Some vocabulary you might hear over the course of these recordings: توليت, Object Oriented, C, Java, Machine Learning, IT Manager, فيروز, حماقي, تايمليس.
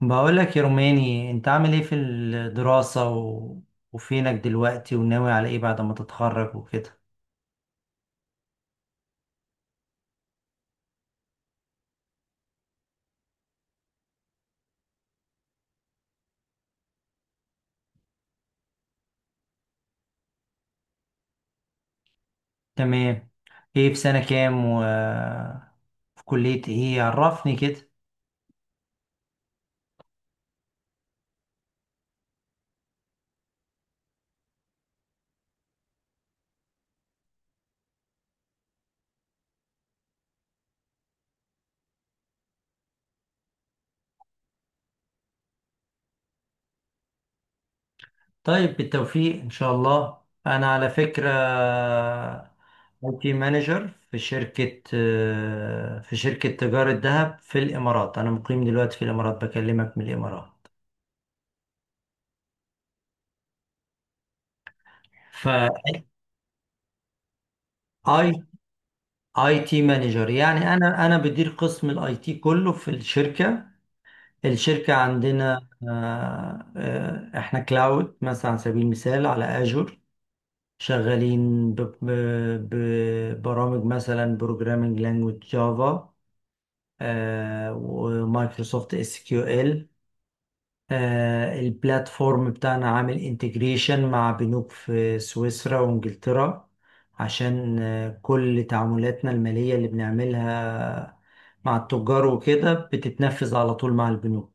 بقولك يا روماني، انت عامل ايه في الدراسة وفينك دلوقتي، وناوي على ايه بعد ما تتخرج وكده؟ تمام. ايه، في سنة كام في كلية ايه؟ عرفني كده. طيب، بالتوفيق ان شاء الله. انا على فكرة اي تي مانجر في شركة تجارة ذهب في الامارات. انا مقيم دلوقتي في الامارات، بكلمك من الامارات. ف اي اي تي مانجر، يعني انا بدير قسم الاي تي كله في الشركه. الشركه عندنا احنا كلاود مثلا، على سبيل المثال على اجور. شغالين ببرامج، مثلا بروجرامينج لانجويج جافا، ومايكروسوفت اس كيو ال. البلاتفورم بتاعنا عامل انتجريشن مع بنوك في سويسرا وانجلترا، عشان كل تعاملاتنا المالية اللي بنعملها مع التجار وكده بتتنفذ على طول مع البنوك.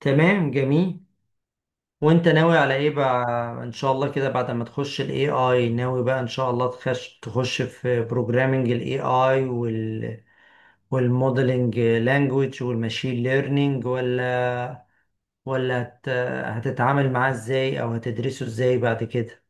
تمام، جميل. وانت ناوي على ايه بقى؟ ان شاء الله كده بعد ما تخش الاي اي، ناوي بقى ان شاء الله تخش في بروجرامنج الاي اي، وال والموديلنج لانجويج والماشين ليرنينج، ولا هتتعامل معاه ازاي، او هتدرسه ازاي بعد كده؟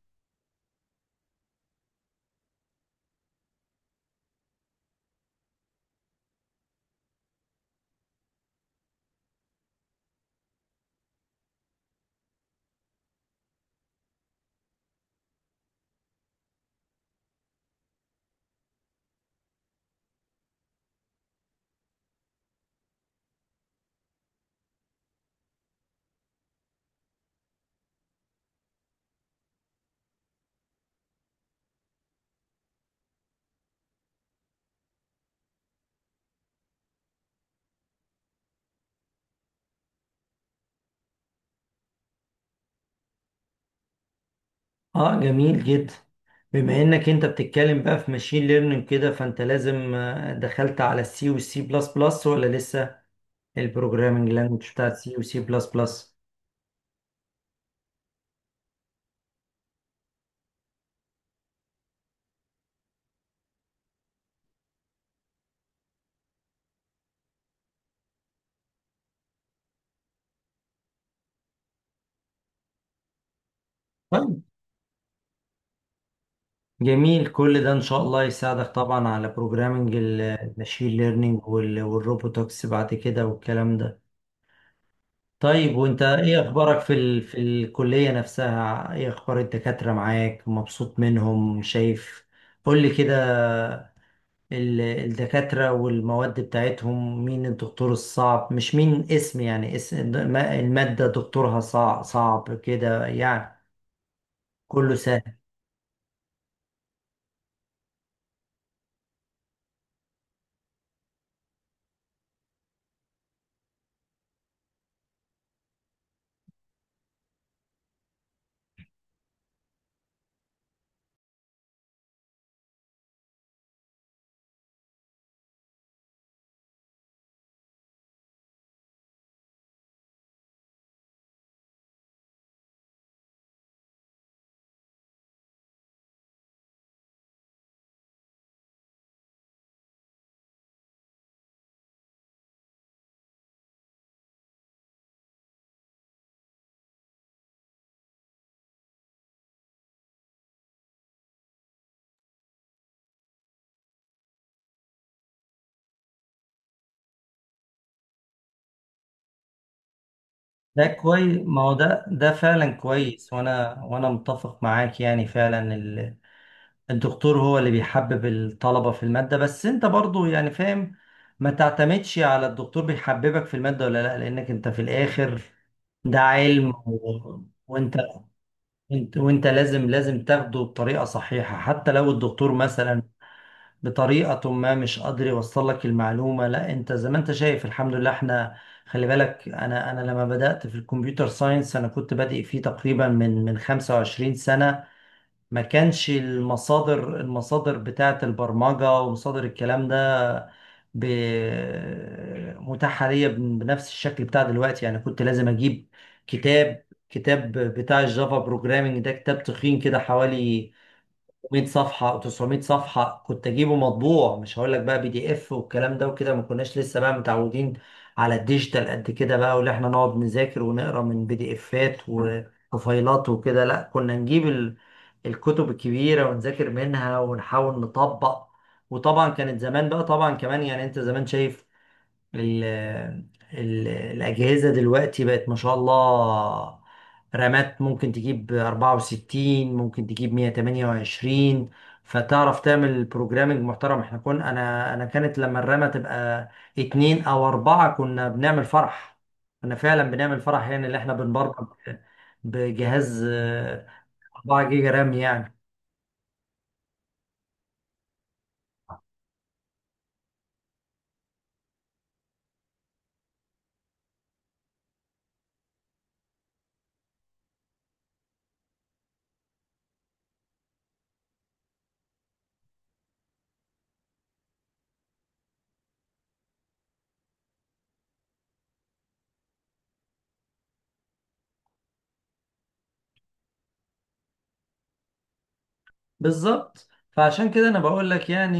اه، جميل جدا. بما انك انت بتتكلم بقى في ماشين ليرنينج كده، فانت لازم دخلت على السي والسي بلس بلس ولا لسه، البروجرامنج لانجوج بتاعت سي وسي بلس بلس. طيب جميل، كل ده ان شاء الله يساعدك طبعا على بروجرامنج الماشين ليرنينج والروبوتكس بعد كده والكلام ده. طيب، وانت ايه اخبارك في الكلية نفسها؟ ايه اخبار الدكاترة معاك؟ مبسوط منهم، شايف؟ قول لي كده. الدكاترة والمواد بتاعتهم، مين الدكتور الصعب؟ مش مين اسم، يعني اسم المادة دكتورها صعب صعب كده يعني، كله سهل. ده كويس، ما هو ده فعلا كويس، وانا متفق معاك يعني فعلا. الدكتور هو اللي بيحبب الطلبة في المادة، بس انت برضو يعني فاهم. ما تعتمدش على الدكتور بيحببك في المادة ولا لا، لانك انت في الاخر ده علم. وانت لازم تاخده بطريقة صحيحة، حتى لو الدكتور مثلا بطريقة ما مش قادر يوصل لك المعلومة. لا، انت زي ما انت شايف، الحمد لله، احنا، خلي بالك، انا لما بدأت في الكمبيوتر ساينس، انا كنت بادئ فيه تقريبا من 25 سنة. ما كانش المصادر، بتاعة البرمجة ومصادر الكلام ده ب... متاحة ليا بنفس الشكل بتاع دلوقتي. يعني كنت لازم أجيب كتاب بتاع الجافا بروجرامينج، ده كتاب تخين كده، حوالي 600 صفحة و900 صفحة، كنت أجيبه مطبوع. مش هقول لك بقى بي دي إف والكلام ده وكده، ما كناش لسه بقى متعودين على الديجيتال قد كده بقى، واللي إحنا نقعد نذاكر ونقرا من بي دي إفات وفايلات وكده. لا، كنا نجيب الكتب الكبيرة ونذاكر منها ونحاول نطبق. وطبعا كانت زمان بقى، طبعا كمان يعني، أنت زمان شايف ال ال الأجهزة دلوقتي بقت ما شاء الله، رامات ممكن تجيب 64، ممكن تجيب 128، فتعرف تعمل بروجرامنج محترم. احنا انا كانت لما الرامة تبقى اتنين او اربعة، كنا بنعمل فرح. كنا فعلا بنعمل فرح، يعني اللي احنا بنبرمج بجهاز 4 جيجا رام يعني. بالظبط، فعشان كده انا بقول لك يعني،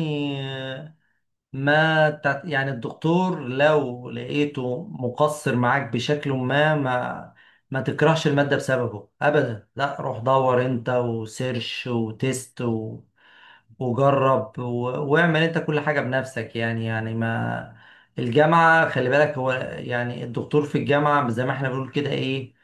ما تع- يعني الدكتور لو لقيته مقصر معاك بشكل ما، ما تكرهش المادة بسببه أبدا. لا، روح دور أنت وسيرش وتست وجرب واعمل أنت كل حاجة بنفسك. يعني ما الجامعة، خلي بالك، هو يعني الدكتور في الجامعة زي ما احنا بنقول كده إيه،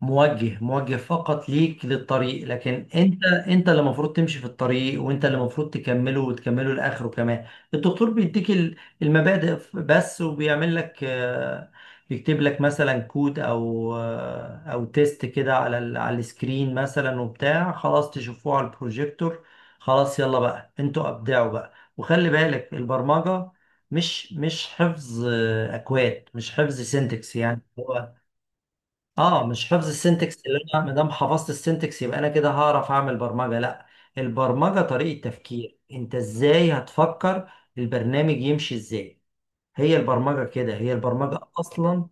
موجه موجه فقط ليك للطريق، لكن أنت اللي المفروض تمشي في الطريق، وأنت اللي المفروض تكمله وتكمله لآخره كمان. الدكتور بيديك المبادئ بس، وبيعمل لك بيكتب لك مثلا كود، او او تيست كده على على السكرين مثلا وبتاع، خلاص تشوفوه على البروجيكتور. خلاص، يلا بقى انتوا ابدعوا بقى. وخلي بالك، البرمجة مش حفظ اكواد، مش حفظ سينتكس يعني. اه، مش حفظ السنتكس، اللي انا ما دام حفظت السنتكس يبقى انا كده هعرف اعمل برمجه، لا. البرمجه طريقه تفكير، انت ازاي هتفكر البرنامج يمشي ازاي. هي البرمجه كده، هي البرمجه اصلا.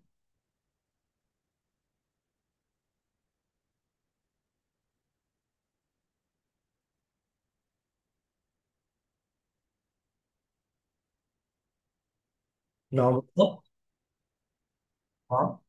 نعم، بالظبط. اه،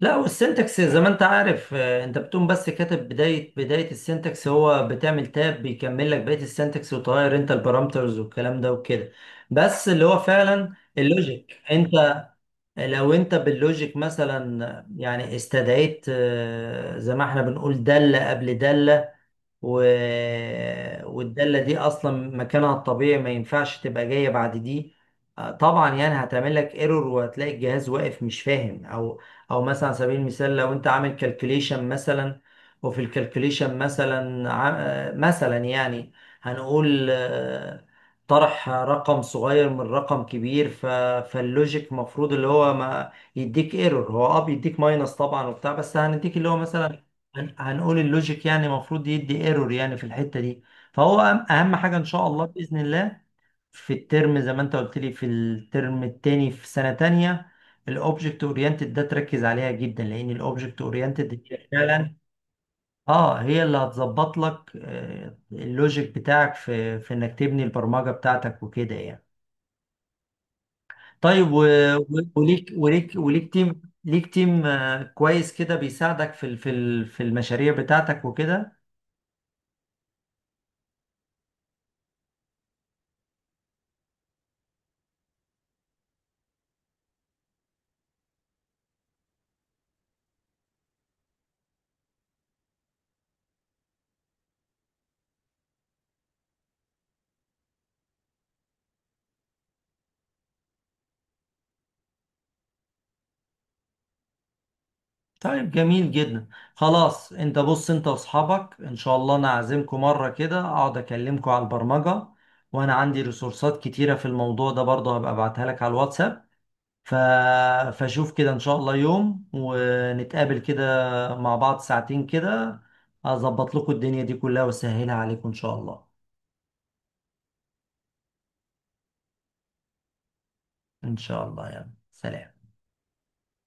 لا، والسنتكس زي ما انت عارف، انت بتقوم بس كاتب بدايه السنتكس، هو بتعمل تاب بيكمل لك بقيه السنتكس، وتغير انت البارامترز والكلام ده وكده. بس اللي هو فعلا اللوجيك، انت لو انت باللوجيك مثلا، يعني استدعيت زي ما احنا بنقول دالة قبل دالة، و... والدالة دي أصلا مكانها الطبيعي ما ينفعش تبقى جاية بعد دي. طبعا يعني هتعمل لك ايرور، وهتلاقي الجهاز واقف مش فاهم. أو أو مثلا على سبيل المثال، لو أنت عامل كالكوليشن مثلا، وفي الكالكوليشن مثلا مثلا يعني هنقول طرح رقم صغير من رقم كبير. فاللوجيك مفروض اللي هو ما يديك ايرور، هو اه بيديك ماينس طبعا وبتاع، بس هنديك اللي هو مثلا هنقول اللوجيك يعني المفروض يدي ايرور يعني في الحتة دي. فهو أهم أهم حاجة إن شاء الله بإذن الله. في الترم، زي ما أنت قلت لي، في الترم التاني في سنة تانية، الأوبجكت أورينتد، ده تركز عليها جدا لأن الأوبجكت أورينتد فعلا. أه، هي اللي هتظبط لك اللوجيك بتاعك في إنك تبني البرمجة بتاعتك وكده يعني. طيب، وليك تيم ليك كويس كده، بيساعدك في المشاريع بتاعتك وكده. طيب جميل جدا. خلاص، انت بص، انت واصحابك ان شاء الله انا اعزمكم مره كده اقعد اكلمكم على البرمجه، وانا عندي ريسورسات كتيره في الموضوع ده برضه، هبقى ابعتها لك على الواتساب. ف... فشوف كده ان شاء الله يوم ونتقابل كده مع بعض ساعتين كده، اظبط لكم الدنيا دي كلها واسهلها عليكم ان شاء الله. ان شاء الله يعني، سلام.